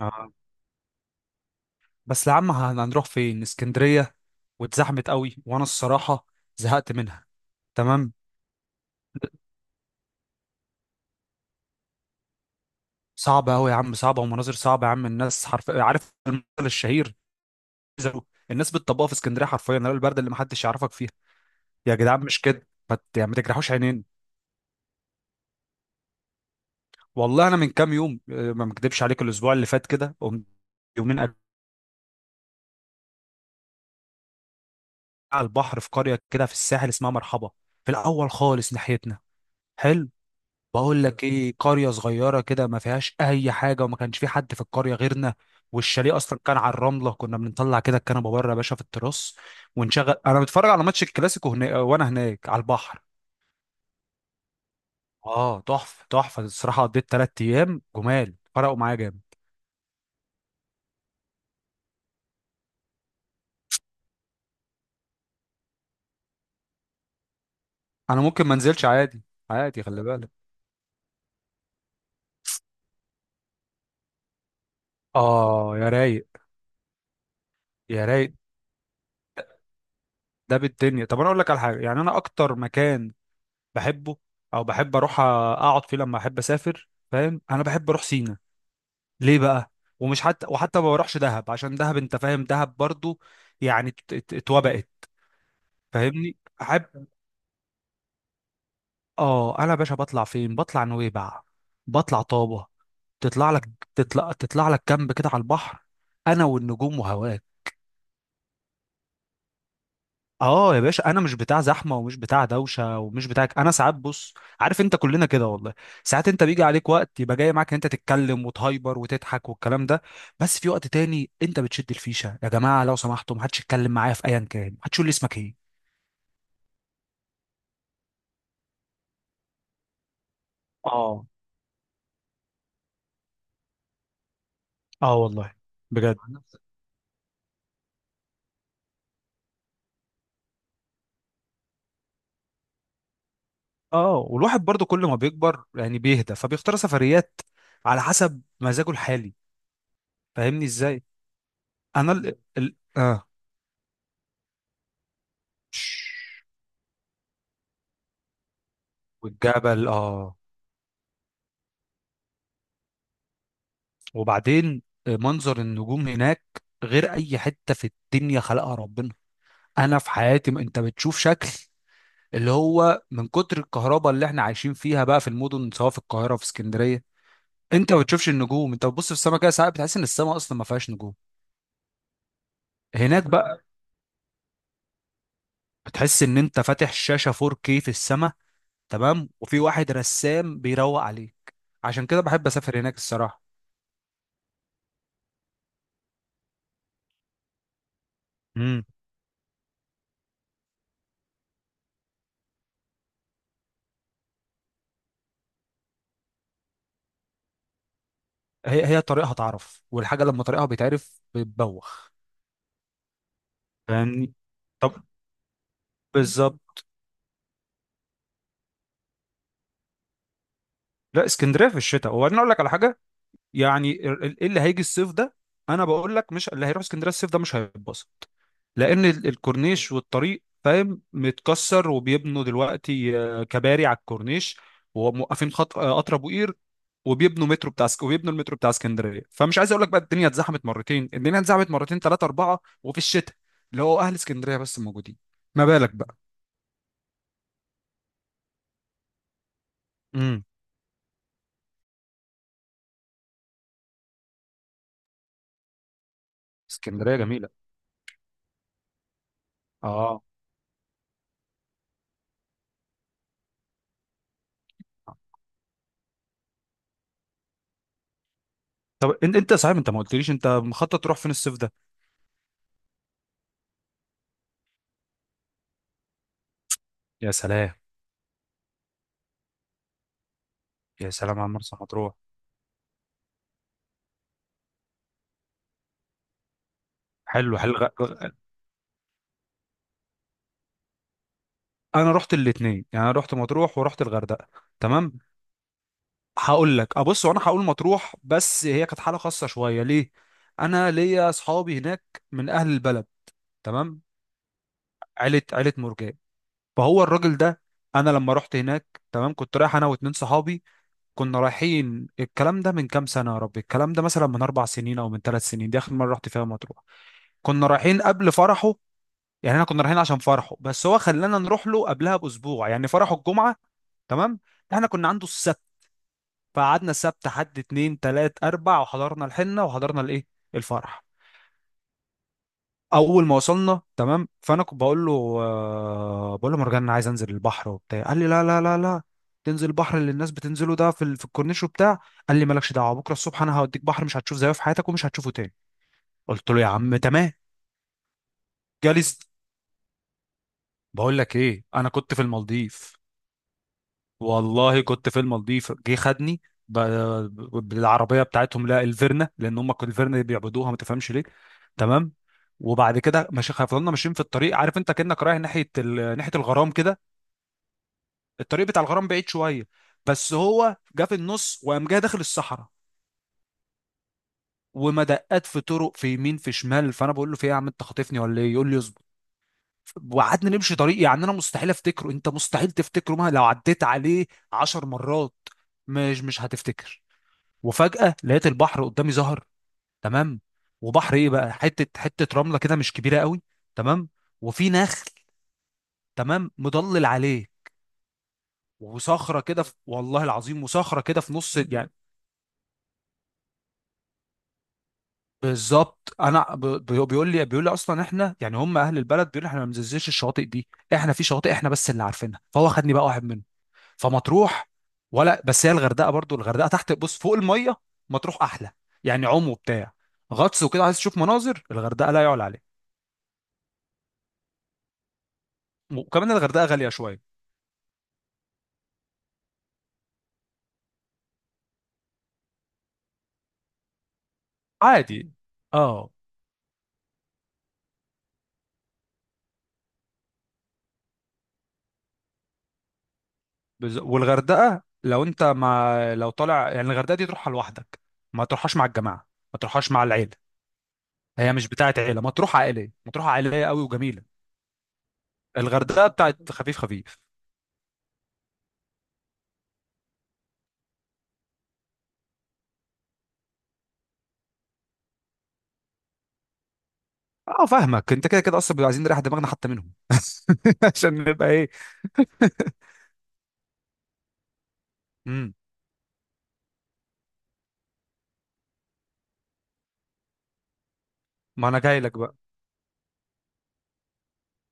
آه. بس يا عم هنروح فين؟ اسكندرية واتزحمت قوي، وانا الصراحة زهقت منها. تمام. صعبة قوي يا عم، صعبة، ومناظر صعبة يا عم. الناس حرف، عارف المثل الشهير؟ الناس بتطبقها في اسكندرية حرفيا، اللي هو البرد اللي محدش يعرفك فيها. يا جدعان مش كده، ما ت- يعني ما تجرحوش عينين. والله انا من كام يوم، ما مكدبش عليك، الاسبوع اللي فات كده قمت يومين قاعد على البحر، في قرية كده في الساحل اسمها مرحبا، في الاول خالص ناحيتنا. حلو. بقول لك ايه، قرية صغيرة كده ما فيهاش اي حاجة، وما كانش في حد في القرية غيرنا. والشاليه اصلا كان على الرملة، كنا بنطلع كده الكنبة بره يا باشا في التراس، ونشغل انا بتفرج على ماتش الكلاسيكو هنا، وانا هناك على البحر. اه تحفة تحفة الصراحة، قضيت تلات ايام جمال، فرقوا معايا جامد. انا ممكن ما انزلش عادي، عادي، خلي بالك. اه يا رايق، يا رايق. ده بالدنيا. طب انا اقول لك على حاجة، يعني انا اكتر مكان بحبه او بحب اروح اقعد فيه لما احب اسافر، فاهم؟ انا بحب اروح سينا. ليه بقى؟ ومش حتى وحتى ما بروحش دهب، عشان دهب انت فاهم، دهب برضو يعني اتوبقت. فاهمني؟ احب، اه. انا يا باشا بطلع فين؟ بطلع نويبع، بطلع طابة. تطلع لك تطلع لك كامب كده على البحر، انا والنجوم وهواك. اه يا باشا، انا مش بتاع زحمه، ومش بتاع دوشه، ومش بتاع، انا ساعات بص، عارف انت، كلنا كده والله. ساعات انت بيجي عليك وقت يبقى جاي معاك ان انت تتكلم وتهايبر وتضحك والكلام ده، بس في وقت تاني انت بتشد الفيشه، يا جماعه لو سمحتوا، ما حدش يتكلم معايا في ايا كان، ما حدش يقول لي اسمك ايه. اه. اه والله. بجد. اه، والواحد برضو كل ما بيكبر يعني بيهدى، فبيختار سفريات على حسب مزاجه الحالي. فاهمني ازاي؟ انا ال... ال... اه والجبل اه. وبعدين منظر النجوم هناك غير اي حته في الدنيا خلقها ربنا. انا في حياتي، ما انت بتشوف شكل اللي هو، من كتر الكهرباء اللي احنا عايشين فيها بقى في المدن، سواء في القاهره في اسكندريه، انت ما بتشوفش النجوم. انت بتبص في السماء كده ساعات، بتحس ان السماء اصلا ما فيهاش نجوم. هناك بقى بتحس ان انت فاتح شاشه 4K في السماء، تمام، وفي واحد رسام بيروق عليك. عشان كده بحب اسافر هناك الصراحه. امم. هي طريقها تعرف، والحاجه لما طريقها بيتعرف بتبوخ. فاهمني؟ بالظبط. لا، اسكندريه في الشتاء. وبعدين اقول لك على حاجه، يعني إيه اللي هيجي الصيف ده، انا بقول لك، مش اللي هيروح اسكندريه الصيف ده مش هيتبسط، لان الكورنيش والطريق فاهم متكسر، وبيبنوا دلوقتي كباري على الكورنيش، وموقفين خط قطر ابو قير، وبيبنوا مترو بتاع اسك- وبيبنوا المترو بتاع اسكندريه. فمش عايز اقول لك بقى، الدنيا اتزحمت مرتين، الدنيا اتزحمت مرتين، ثلاثه، اربعه. وفي الشتاء اللي هو، اهل اسكندريه بس موجودين. ما بالك بقى؟ امم. اسكندريه جميله، اه. طب انت صحيح انت ما قلتليش، انت مخطط تروح فين الصيف ده؟ يا سلام، يا سلام على مرسى مطروح. حلو، حلو، انا رحت الاثنين، يعني انا رحت مطروح ورحت الغردقه. تمام. هقول لك، ابص، وانا هقول مطروح بس هي كانت حاله خاصه شويه. ليه؟ انا ليا اصحابي هناك من اهل البلد، تمام، عيله عيله مرجان. فهو الراجل ده، انا لما رحت هناك تمام، كنت رايح انا واتنين صحابي، كنا رايحين، الكلام ده من كام سنه، يا ربي الكلام ده مثلا من 4 سنين او من 3 سنين، دي اخر مره رحت فيها مطروح. كنا رايحين قبل فرحه، يعني احنا كنا رايحين عشان فرحه، بس هو خلانا نروح له قبلها باسبوع، يعني فرحه الجمعه، تمام، احنا كنا عنده السبت، فقعدنا السبت حد اتنين تلات اربع، وحضرنا الحنه وحضرنا الايه، الفرح. اول ما وصلنا تمام، فانا كنت بقول له، بقول له مرجان، انا عايز انزل البحر وبتاع. قال لي لا لا لا لا، تنزل البحر اللي الناس بتنزله ده في في الكورنيش وبتاع؟ قال لي مالكش دعوه، بكره الصبح انا هوديك بحر مش هتشوف زيه في حياتك، ومش هتشوفه تاني. قلت له يا عم تمام. جالس؟ بقول لك ايه، انا كنت في المالديف، والله كنت في المالديف. جه خدني ب- بالعربيه بتاعتهم، لا الفيرنا، لان هم كانوا الفيرنا اللي بيعبدوها، ما تفهمش ليه، تمام؟ وبعد كده ماشي، فضلنا ماشيين في الطريق، عارف انت كانك رايح ناحيه ناحيه الغرام كده، الطريق بتاع الغرام بعيد شويه، بس هو جه في النص وقام جه داخل الصحراء، ومدقات في طرق، في يمين، في شمال. فانا بقول له، في ايه يا عم، انت خاطفني ولا ايه؟ يقول لي اصبر. وقعدنا نمشي طريق، يعني انا مستحيل افتكره، انت مستحيل تفتكره مهما لو عديت عليه 10 مرات، مش هتفتكر. وفجأة لقيت البحر قدامي ظهر، تمام. وبحر ايه بقى، حتة حتة رملة كده مش كبيرة قوي، تمام، وفي نخل تمام مضلل عليه، وصخرة كده والله العظيم، وصخرة كده في نص يعني. بالظبط. انا بيقول لي اصلا احنا، يعني هم اهل البلد، بيقول لي احنا ما بننزلش الشواطئ دي، احنا في شواطئ احنا بس اللي عارفينها. فهو خدني بقى واحد منهم، فمطروح، ولا بس هي الغردقة برضو؟ الغردقة تحت بص، فوق المية مطروح احلى، يعني، عم وبتاع. غطس وكده عايز تشوف مناظر، الغردقة لا يعلى عليها، وكمان الغردقه غاليه شويه، عادي. اه والغردقه لو انت مع لو طالع يعني، الغردقه دي تروحها لوحدك، ما تروحهاش مع الجماعه، ما تروحهاش مع العيله. هي مش بتاعه عيله، ما تروح عائليه، ما تروح عائليه قوي وجميله، الغردقه بتاعت خفيف خفيف. اه فاهمك، انت كده كده اصلا بيبقى عايزين نريح دماغنا حتى منهم، عشان نبقى ايه. امم. ما انا جاي لك بقى.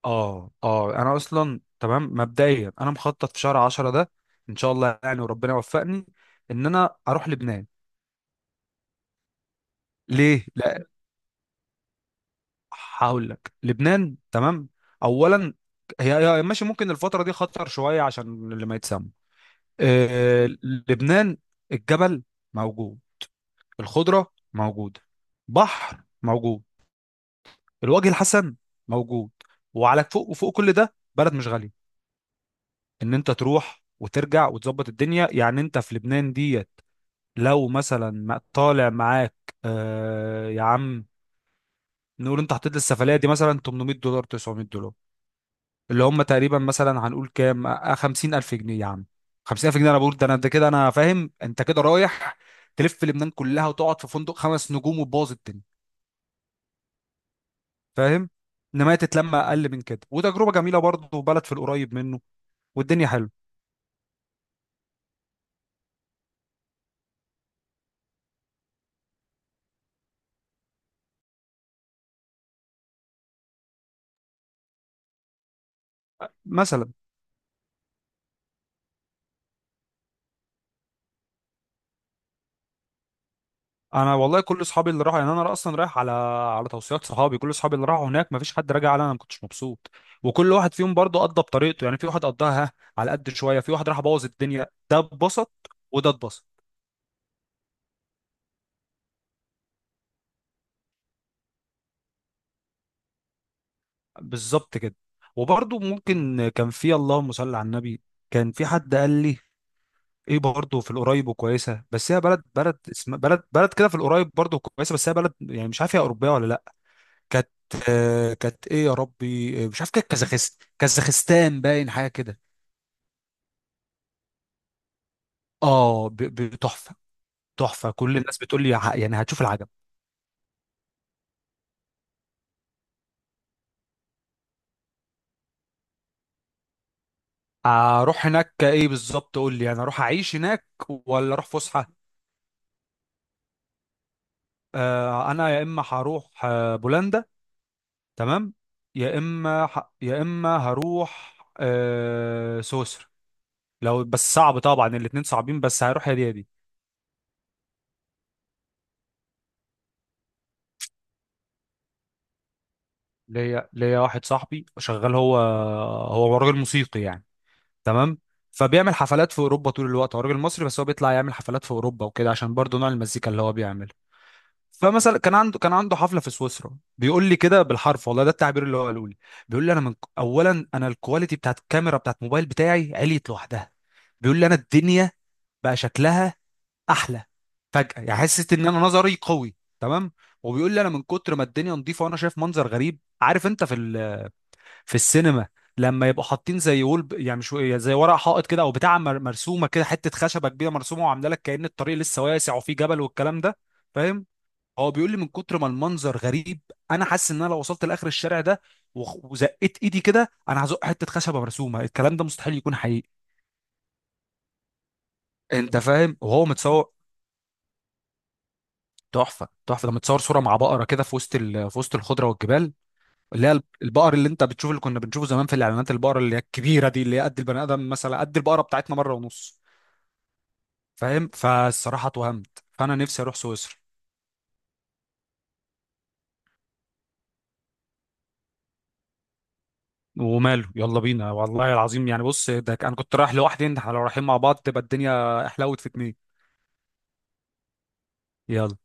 اه اه، انا اصلا تمام مبدئيا انا مخطط في شهر 10 ده، ان شاء الله يعني، وربنا يوفقني ان انا اروح لبنان. ليه؟ هقول لك، لبنان، تمام، اولا ماشي، ممكن الفتره دي خطر شويه، عشان اللي ما يتسمى، لبنان، الجبل موجود، الخضره موجوده، بحر موجود، الوجه الحسن موجود. وعلى فوق وفوق كل ده، بلد مش غاليه، ان انت تروح وترجع وتظبط الدنيا. يعني انت في لبنان ديت، لو مثلا طالع معاك، يا عم، نقول انت حطيت للسفليه دي مثلا $800، $900، اللي هم تقريبا مثلا هنقول كام، 50,000 جنيه يا عم. 50,000 جنيه، انا بقول ده، انا ده كده انا فاهم انت كده رايح، تلف لبنان كلها، وتقعد في فندق خمس نجوم، وتبوظ الدنيا، فاهم؟ انما هي تتلم اقل من كده، وتجربه جميله برضه، وبلد في القريب منه، والدنيا حلوه، مثلا. انا والله كل اصحابي اللي راحوا، يعني انا اصلا رايح على توصيات صحابي. كل اصحابي اللي راحوا هناك ما فيش حد راجع على انا ما كنتش مبسوط، وكل واحد فيهم برضه قضى بطريقته. يعني في واحد قضاها على قد شويه، في واحد راح بوظ الدنيا، ده اتبسط وده اتبسط، بالظبط كده. وبرضه ممكن كان في، اللهم صل على النبي، كان في حد قال لي ايه، برضه في القريب وكويسه، بس هي بلد، بلد، اسم بلد، بلد كده في القريب برضه كويسه، بس هي بلد يعني مش عارف هي اوروبيه ولا لا. كانت، آه كانت ايه يا ربي، مش عارف، كانت كازاخستان، كازاخستان باين حاجه كده. اه تحفه تحفه. كل الناس بتقول لي يعني هتشوف العجب. اروح هناك ايه؟ بالظبط، قول لي انا اروح اعيش هناك ولا اروح فسحه؟ آه انا يا اما هروح بولندا، تمام، يا اما يا اما هروح سويسرا. لو بس صعب طبعا، الاتنين صعبين، بس هروح يا دي يا دي. ليا واحد صاحبي شغال، هو هو راجل موسيقي يعني، تمام، فبيعمل حفلات في اوروبا طول الوقت، هو راجل مصري بس هو بيطلع يعمل حفلات في اوروبا وكده، عشان برضه نوع المزيكا اللي هو بيعملها. فمثلا كان عنده حفله في سويسرا، بيقول لي كده بالحرف، والله ده التعبير اللي هو قاله لي، بيقول لي انا من اولا، انا الكواليتي بتاعت الكاميرا بتاعت موبايل بتاعي عليت لوحدها، بيقول لي انا الدنيا بقى شكلها احلى فجاه، يعني حسيت ان انا نظري قوي، تمام. وبيقول لي انا من كتر ما الدنيا نظيفه، وانا شايف منظر غريب، عارف انت في في السينما، لما يبقوا حاطين زي وول يعني مش، زي ورق حائط كده، او بتاع مرسومه كده، حته خشبه كبيره مرسومه، وعامله لك كأن الطريق لسه واسع وفيه جبل والكلام ده، فاهم؟ هو بيقول لي من كتر ما المنظر غريب، انا حاسس ان انا لو وصلت لاخر الشارع ده وزقيت ايدي كده، انا هزق حته خشبه مرسومه، الكلام ده مستحيل يكون حقيقي. انت فاهم؟ وهو متصور. تحفه، تحفه، ده متصور صوره مع بقره كده في وسط في وسط الخضره والجبال، اللي هي البقر اللي انت بتشوف، اللي كنا بنشوفه زمان في الاعلانات، البقره اللي هي الكبيره دي، اللي هي قد البني ادم، مثلا قد البقره بتاعتنا مره ونص، فاهم؟ فالصراحه اتوهمت، فانا نفسي اروح سويسرا. وماله، يلا بينا، والله العظيم، يعني بص ده انا كنت رايح لوحدي، انت احنا لو رايحين مع بعض تبقى الدنيا احلوت في اتنين. يلا.